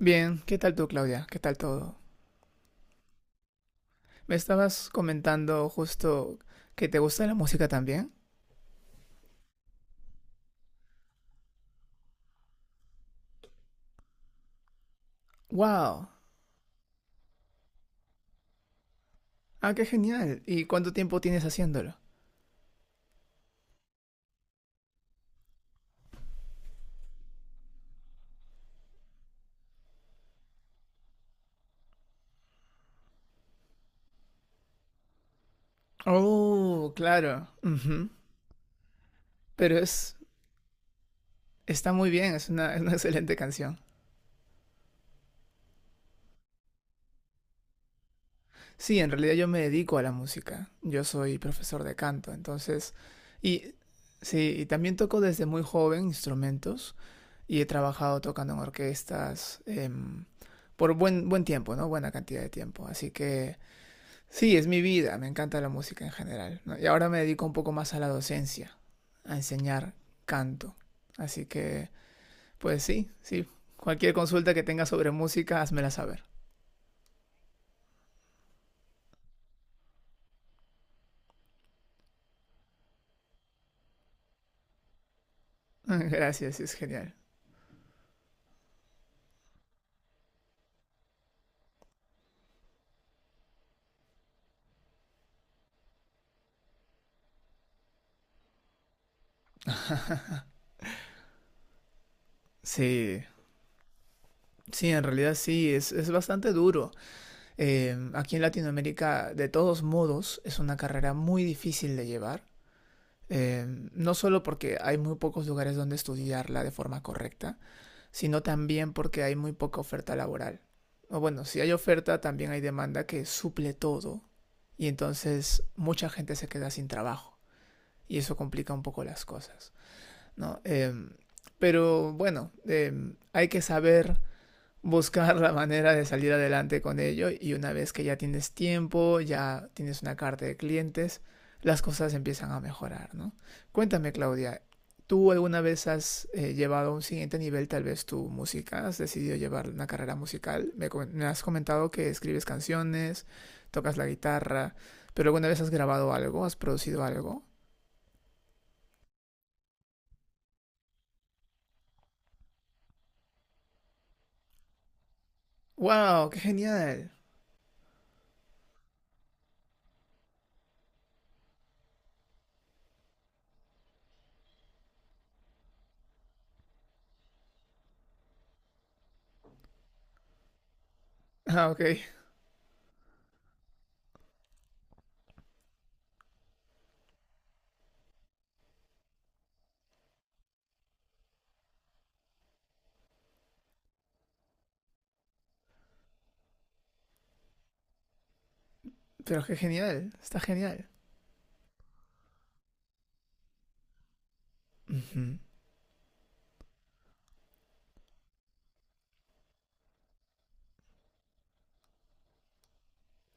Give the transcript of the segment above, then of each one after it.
Bien, ¿qué tal tú, Claudia? ¿Qué tal todo? Me estabas comentando justo que te gusta la música también. ¡Wow! ¡Ah, qué genial! ¿Y cuánto tiempo tienes haciéndolo? Oh, claro. Ujú. Pero es, Está muy bien, es una excelente canción. Sí, en realidad yo me dedico a la música. Yo soy profesor de canto, entonces. Y sí, y también toco desde muy joven instrumentos. Y he trabajado tocando en orquestas por buen tiempo, ¿no? Buena cantidad de tiempo. Así que sí, es mi vida, me encanta la música en general, ¿no? Y ahora me dedico un poco más a la docencia, a enseñar canto. Así que, pues sí, sí. Cualquier consulta que tengas sobre música, házmela saber. Gracias, es genial. Sí, sí, en realidad sí, es bastante duro. Aquí en Latinoamérica, de todos modos, es una carrera muy difícil de llevar, Eh, no solo porque hay muy pocos lugares donde estudiarla de forma correcta, sino también porque hay muy poca oferta laboral. O bueno, si hay oferta, también hay demanda que suple todo y entonces mucha gente se queda sin trabajo y eso complica un poco las cosas, ¿no? Pero bueno, hay que saber buscar la manera de salir adelante con ello y una vez que ya tienes tiempo, ya tienes una carta de clientes, las cosas empiezan a mejorar, ¿no? Cuéntame, Claudia, ¿tú alguna vez has llevado a un siguiente nivel tal vez tu música? ¿Has decidido llevar una carrera musical? Me has comentado que escribes canciones, tocas la guitarra, pero alguna vez has grabado algo, has producido algo. ¡Wow! ¡Qué genial! Ah, ok. Pero qué genial. Está genial. Ujú,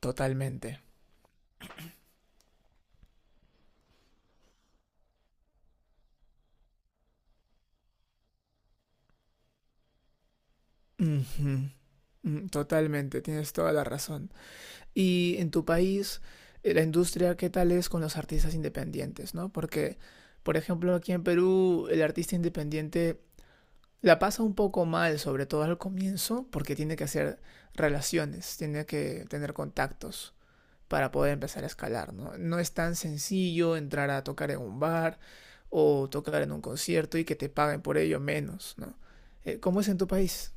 totalmente. Ujú. Mm, totalmente, tienes toda la razón. Y en tu país, la industria, ¿qué tal es con los artistas independientes, ¿no? Porque, por ejemplo, aquí en Perú, el artista independiente la pasa un poco mal, sobre todo al comienzo, porque tiene que hacer relaciones, tiene que tener contactos para poder empezar a escalar, ¿no? No es tan sencillo entrar a tocar en un bar o tocar en un concierto y que te paguen por ello menos, ¿no? ¿Cómo es en tu país?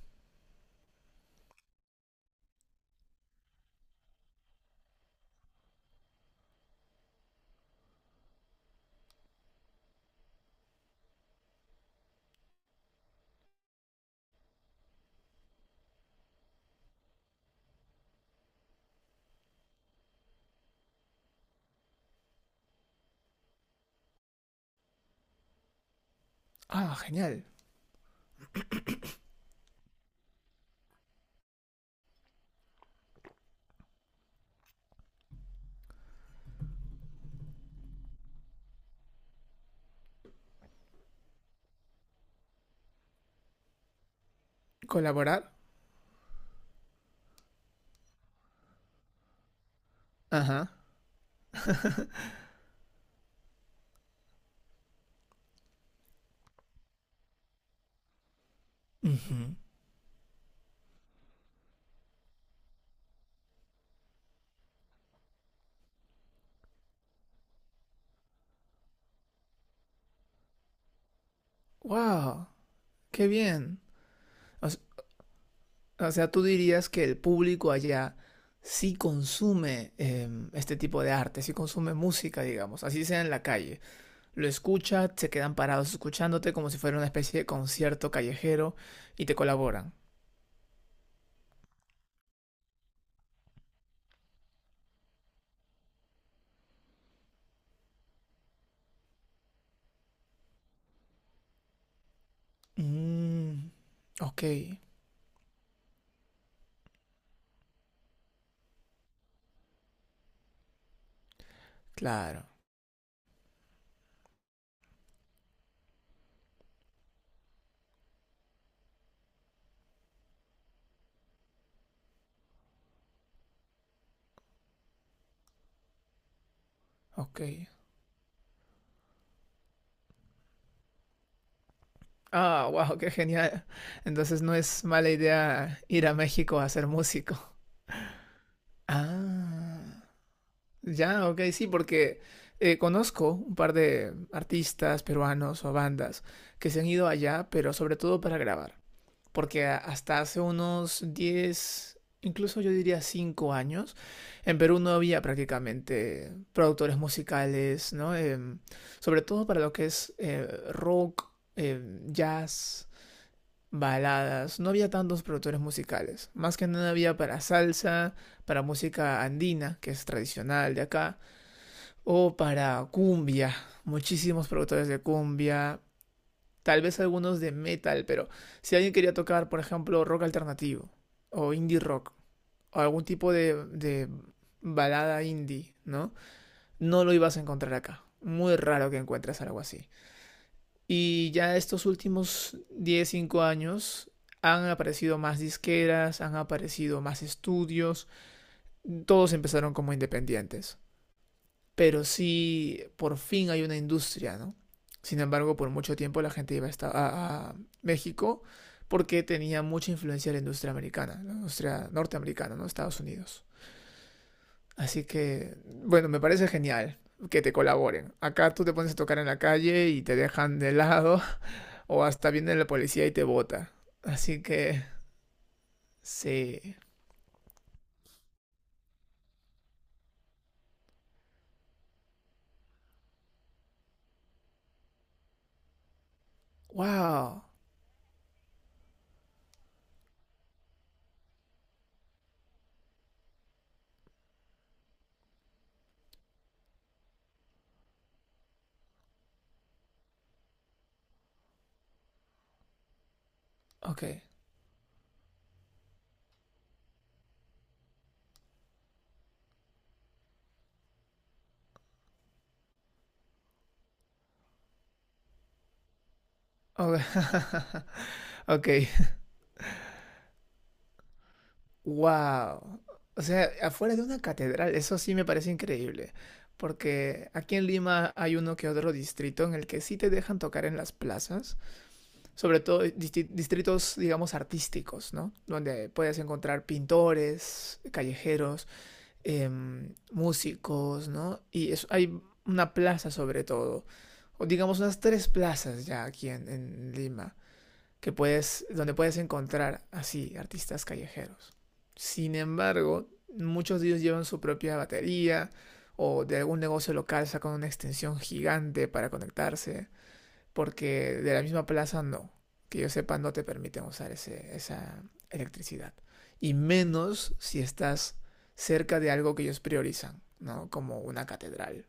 Ah, genial. Colaborar. Ajá. Ujú. Wow, qué bien. O, s- o sea, tú dirías que el público allá sí consume este tipo de arte, sí consume música, digamos, así sea en la calle. Lo escucha, se quedan parados escuchándote como si fuera una especie de concierto callejero y te colaboran. Mm, ok, claro, ok. Ah, wow, qué genial. Entonces no es mala idea ir a México a ser músico. Ah. Ya, ok, sí, porque conozco un par de artistas peruanos o bandas que se han ido allá, pero sobre todo para grabar. Porque hasta hace unos 10, incluso yo diría 5 años, en Perú no había prácticamente productores musicales, ¿no? Sobre todo para lo que es rock, jazz, baladas. No había tantos productores musicales. Más que nada había para salsa, para música andina, que es tradicional de acá o para cumbia. Muchísimos productores de cumbia. Tal vez algunos de metal, pero si alguien quería tocar, por ejemplo, rock alternativo. O indie rock. O algún tipo de balada indie, ¿no? No lo ibas a encontrar acá. Muy raro que encuentres algo así. Y ya estos últimos 10 5 años han aparecido más disqueras, han aparecido más estudios. Todos empezaron como independientes. Pero sí por fin hay una industria, ¿no? Sin embargo, por mucho tiempo la gente iba a México porque tenía mucha influencia de la industria americana, la industria norteamericana, ¿no? Estados Unidos. Así que, bueno, me parece genial que te colaboren. Acá tú te pones a tocar en la calle y te dejan de lado o hasta viene la policía y te bota. Así que, sí. Wow. Ok. Ok. Ok. Wow. O sea, afuera de una catedral, eso sí me parece increíble. Porque aquí en Lima hay uno que otro distrito en el que sí te dejan tocar en las plazas, sobre todo distritos, digamos, artísticos, ¿no? Donde puedes encontrar pintores, callejeros, músicos, ¿no? Y hay una plaza sobre todo, o digamos unas tres plazas ya aquí en Lima que puedes, donde puedes encontrar así artistas callejeros. Sin embargo, muchos de ellos llevan su propia batería o de algún negocio local sacan una extensión gigante para conectarse, porque de la misma plaza no, que yo sepa no te permiten usar ese, esa electricidad. Y menos si estás cerca de algo que ellos priorizan, ¿no? Como una catedral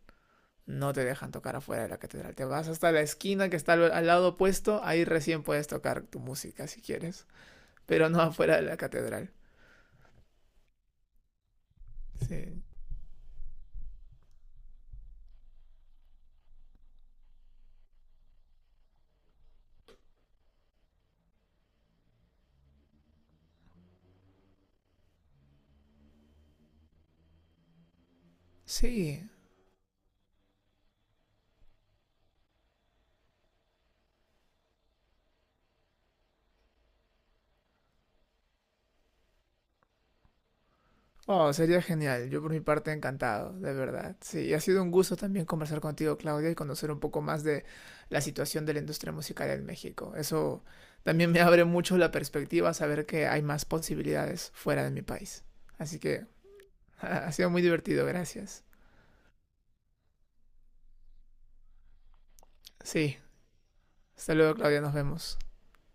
no te dejan tocar afuera de la catedral. Te vas hasta la esquina que está al lado opuesto, ahí recién puedes tocar tu música si quieres, pero no afuera de la catedral. Sí. Sí. Oh, sería genial. Yo por mi parte encantado, de verdad. Sí, ha sido un gusto también conversar contigo, Claudia, y conocer un poco más de la situación de la industria musical en México. Eso también me abre mucho la perspectiva, saber que hay más posibilidades fuera de mi país. Así que ha sido muy divertido, gracias. Sí, hasta luego, Claudia, nos vemos.